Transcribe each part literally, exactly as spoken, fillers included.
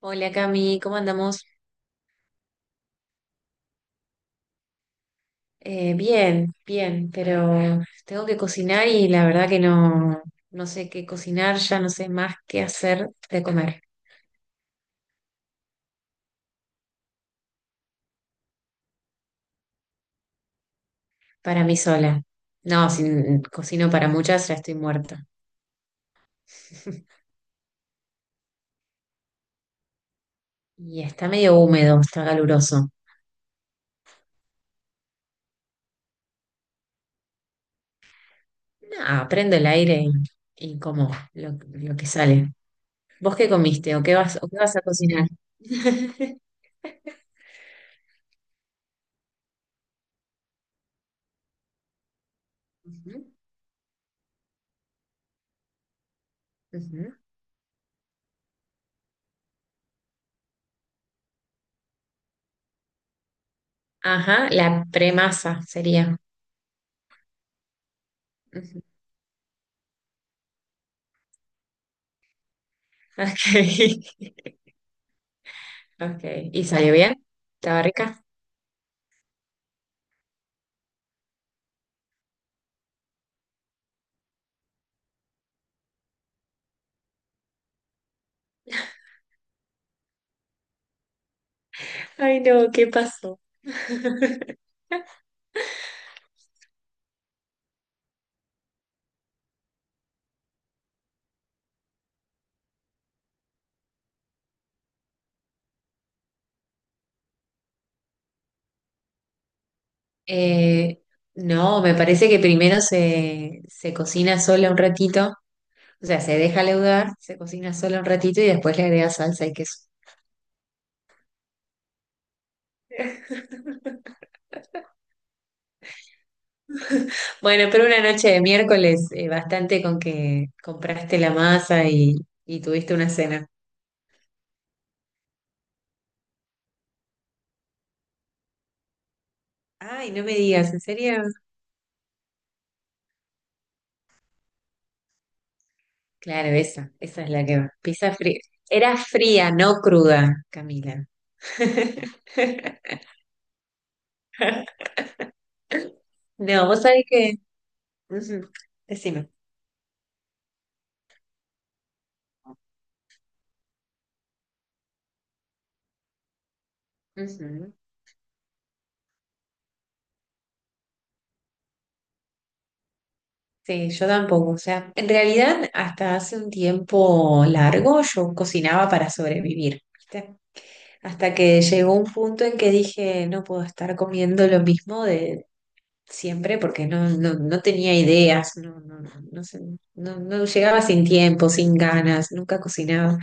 Hola Cami, ¿cómo andamos? Eh, bien, bien, pero tengo que cocinar y la verdad que no, no sé qué cocinar, ya no sé más qué hacer de comer para mí sola. No, si n- cocino para muchas ya estoy muerta. Y está medio húmedo, está caluroso. Nada, prendo el aire y, y como lo, lo que sale. ¿Vos qué comiste o qué vas, o qué vas a cocinar? Ujú, ujú. Ajá, la premasa sería. Ujú. Ok. Ok. ¿Y salió bien? ¿Estaba rica? Ay, no, ¿qué pasó? Eh, no, me parece que primero se, se cocina sola un ratito, o sea, se deja leudar, se cocina sola un ratito y después le agrega salsa y queso. Bueno, pero una noche de miércoles, eh, bastante con que compraste la masa y, y tuviste una cena. Ay, no me digas, ¿en serio? Claro, esa, esa es la que va. Pizza fría. Era fría, no cruda, Camila. No, vos sabés que... Ujú, decime. Ujú. Sí, yo tampoco. O sea, en realidad hasta hace un tiempo largo yo cocinaba para sobrevivir, ¿viste? Hasta que llegó un punto en que dije, no puedo estar comiendo lo mismo de siempre porque no, no, no tenía ideas, no, no, no, no sé, no, no llegaba sin tiempo, sin ganas, nunca cocinaba.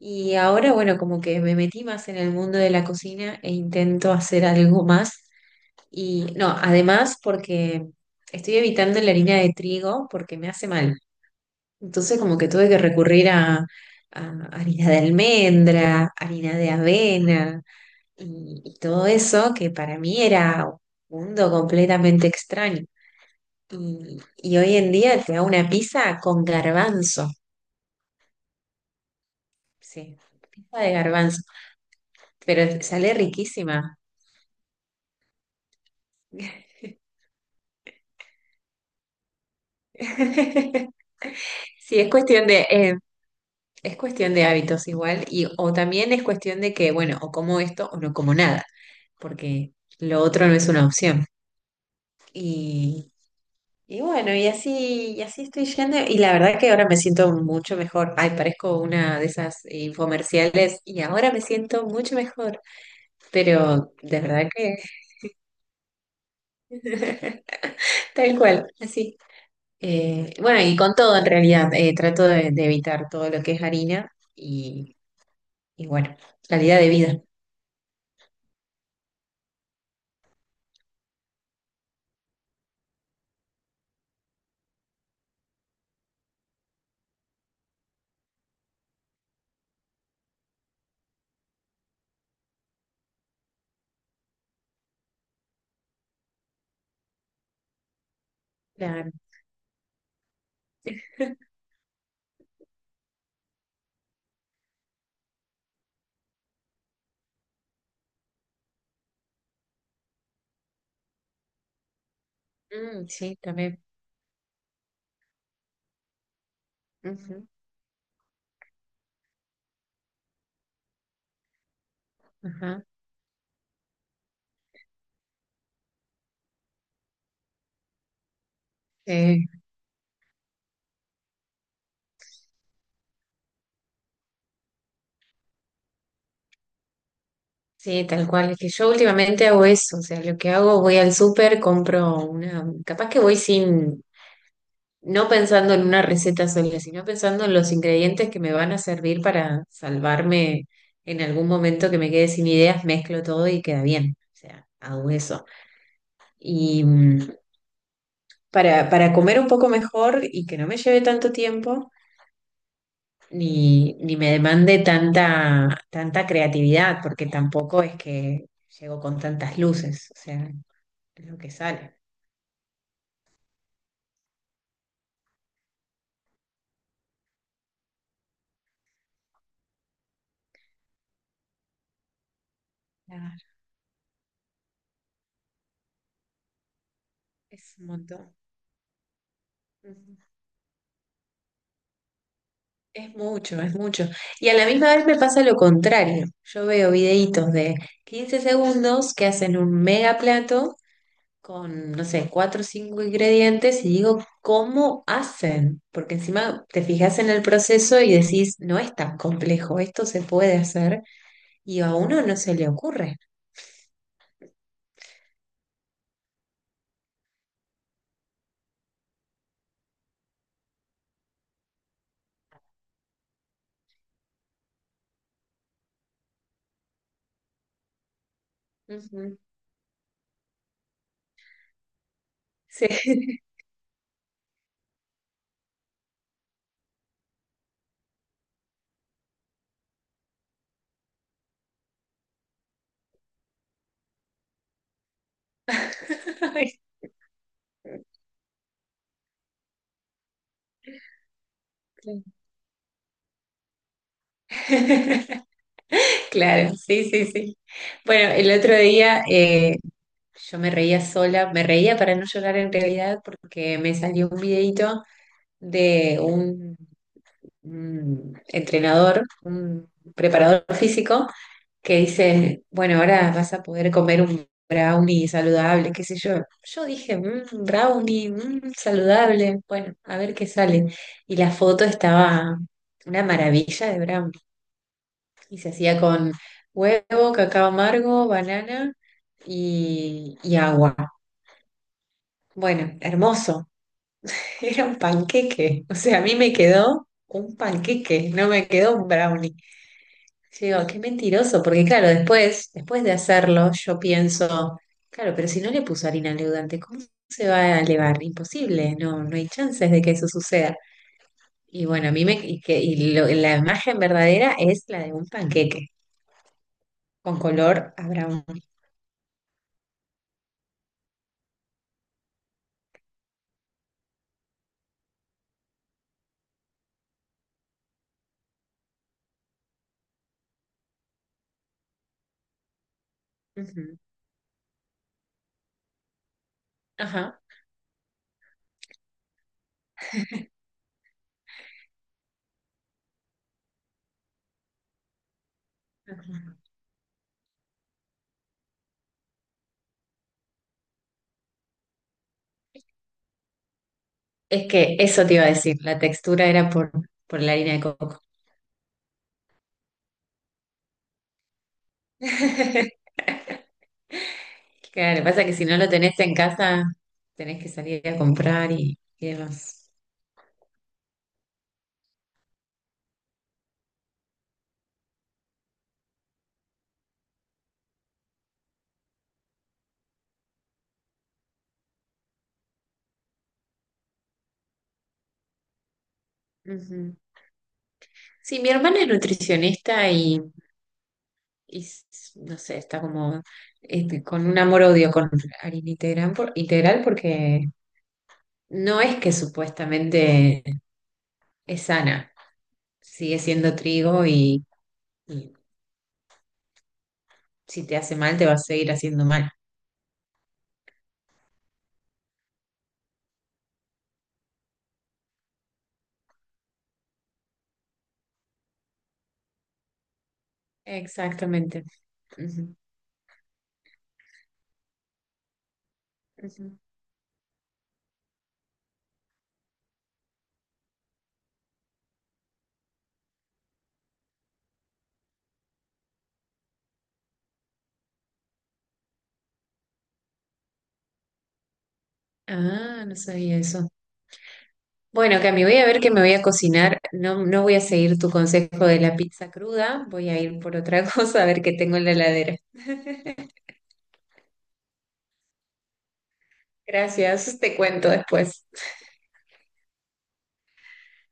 Y ahora, bueno, como que me metí más en el mundo de la cocina e intento hacer algo más. Y no, además porque estoy evitando la harina de trigo porque me hace mal. Entonces como que tuve que recurrir a, a harina de almendra, harina de avena y, y todo eso que para mí era un mundo completamente extraño. Y, y hoy en día te hago una pizza con garbanzo. Sí, pizza de garbanzo, pero sale riquísima. Sí, es cuestión de, eh, es cuestión de hábitos igual, y o también es cuestión de que, bueno, o como esto o no como nada, porque lo otro no es una opción. Y, y bueno, y así, y así estoy yendo, y la verdad que ahora me siento mucho mejor. Ay, parezco una de esas infomerciales, y ahora me siento mucho mejor, pero de verdad que tal cual, así. Eh, bueno, y con todo en realidad, eh, trato de, de evitar todo lo que es harina y, y bueno, calidad de vida. Claro. Mm, sí, también. Ujú, ajá. Sí, sí, tal cual. Es que yo últimamente hago eso. O sea, lo que hago, voy al súper, compro una. Capaz que voy sin. No pensando en una receta sola, sino pensando en los ingredientes que me van a servir para salvarme en algún momento que me quede sin ideas, mezclo todo y queda bien. O sea, hago eso. Y mm, para, para comer un poco mejor y que no me lleve tanto tiempo. ni, ni me demande tanta, tanta creatividad, porque tampoco es que llego con tantas luces, o sea, es lo que sale. Claro, es un montón. Ujú. Es mucho, es mucho. Y a la misma vez me pasa lo contrario. Yo veo videitos de quince segundos que hacen un mega plato con, no sé, cuatro o cinco ingredientes y digo, ¿cómo hacen? Porque encima te fijas en el proceso y decís, no es tan complejo, esto se puede hacer y a uno no se le ocurre. Ujú. Sí. Ay, sí. Claro, sí, sí, sí. Bueno, el otro día eh, yo me reía sola, me reía para no llorar en realidad porque me salió un videito de un, un entrenador, un preparador físico que dicen, bueno, ahora vas a poder comer un brownie saludable, qué sé yo. Yo dije, "Mm, brownie, mm, saludable, bueno, a ver qué sale". Y la foto estaba una maravilla de brownie. Y se hacía con huevo, cacao amargo, banana y, y agua. Bueno, hermoso. Era un panqueque. O sea, a mí me quedó un panqueque, no me quedó un brownie. Sí, digo, qué mentiroso, porque claro, después, después de hacerlo, yo pienso, claro, pero si no le puso harina al leudante, ¿cómo se va a elevar? Imposible, no, no hay chances de que eso suceda. Y bueno, a mí me, y que, y lo- la imagen verdadera es la de un panqueque, con color a brown. Ujú. Ajá. Ajá. Es que eso te iba a decir, la textura era por, por la harina de coco. Claro, pasa que si no lo tenés en casa, tenés que salir a comprar y, y demás. Ujú. Sí, mi hermana es nutricionista y, y s- no sé, está como este, con un amor-odio con harina integral, por- integral porque no es que supuestamente es sana, sigue siendo trigo y, y si te hace mal te va a seguir haciendo mal. Exactamente. Ujú, ujú. Ah, no sabía eso. Bueno, Cami, voy a ver qué me voy a cocinar. No, no voy a seguir tu consejo de la pizza cruda, voy a ir por otra cosa a ver qué tengo en la heladera. Gracias, te cuento después.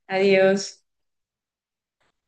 Adiós.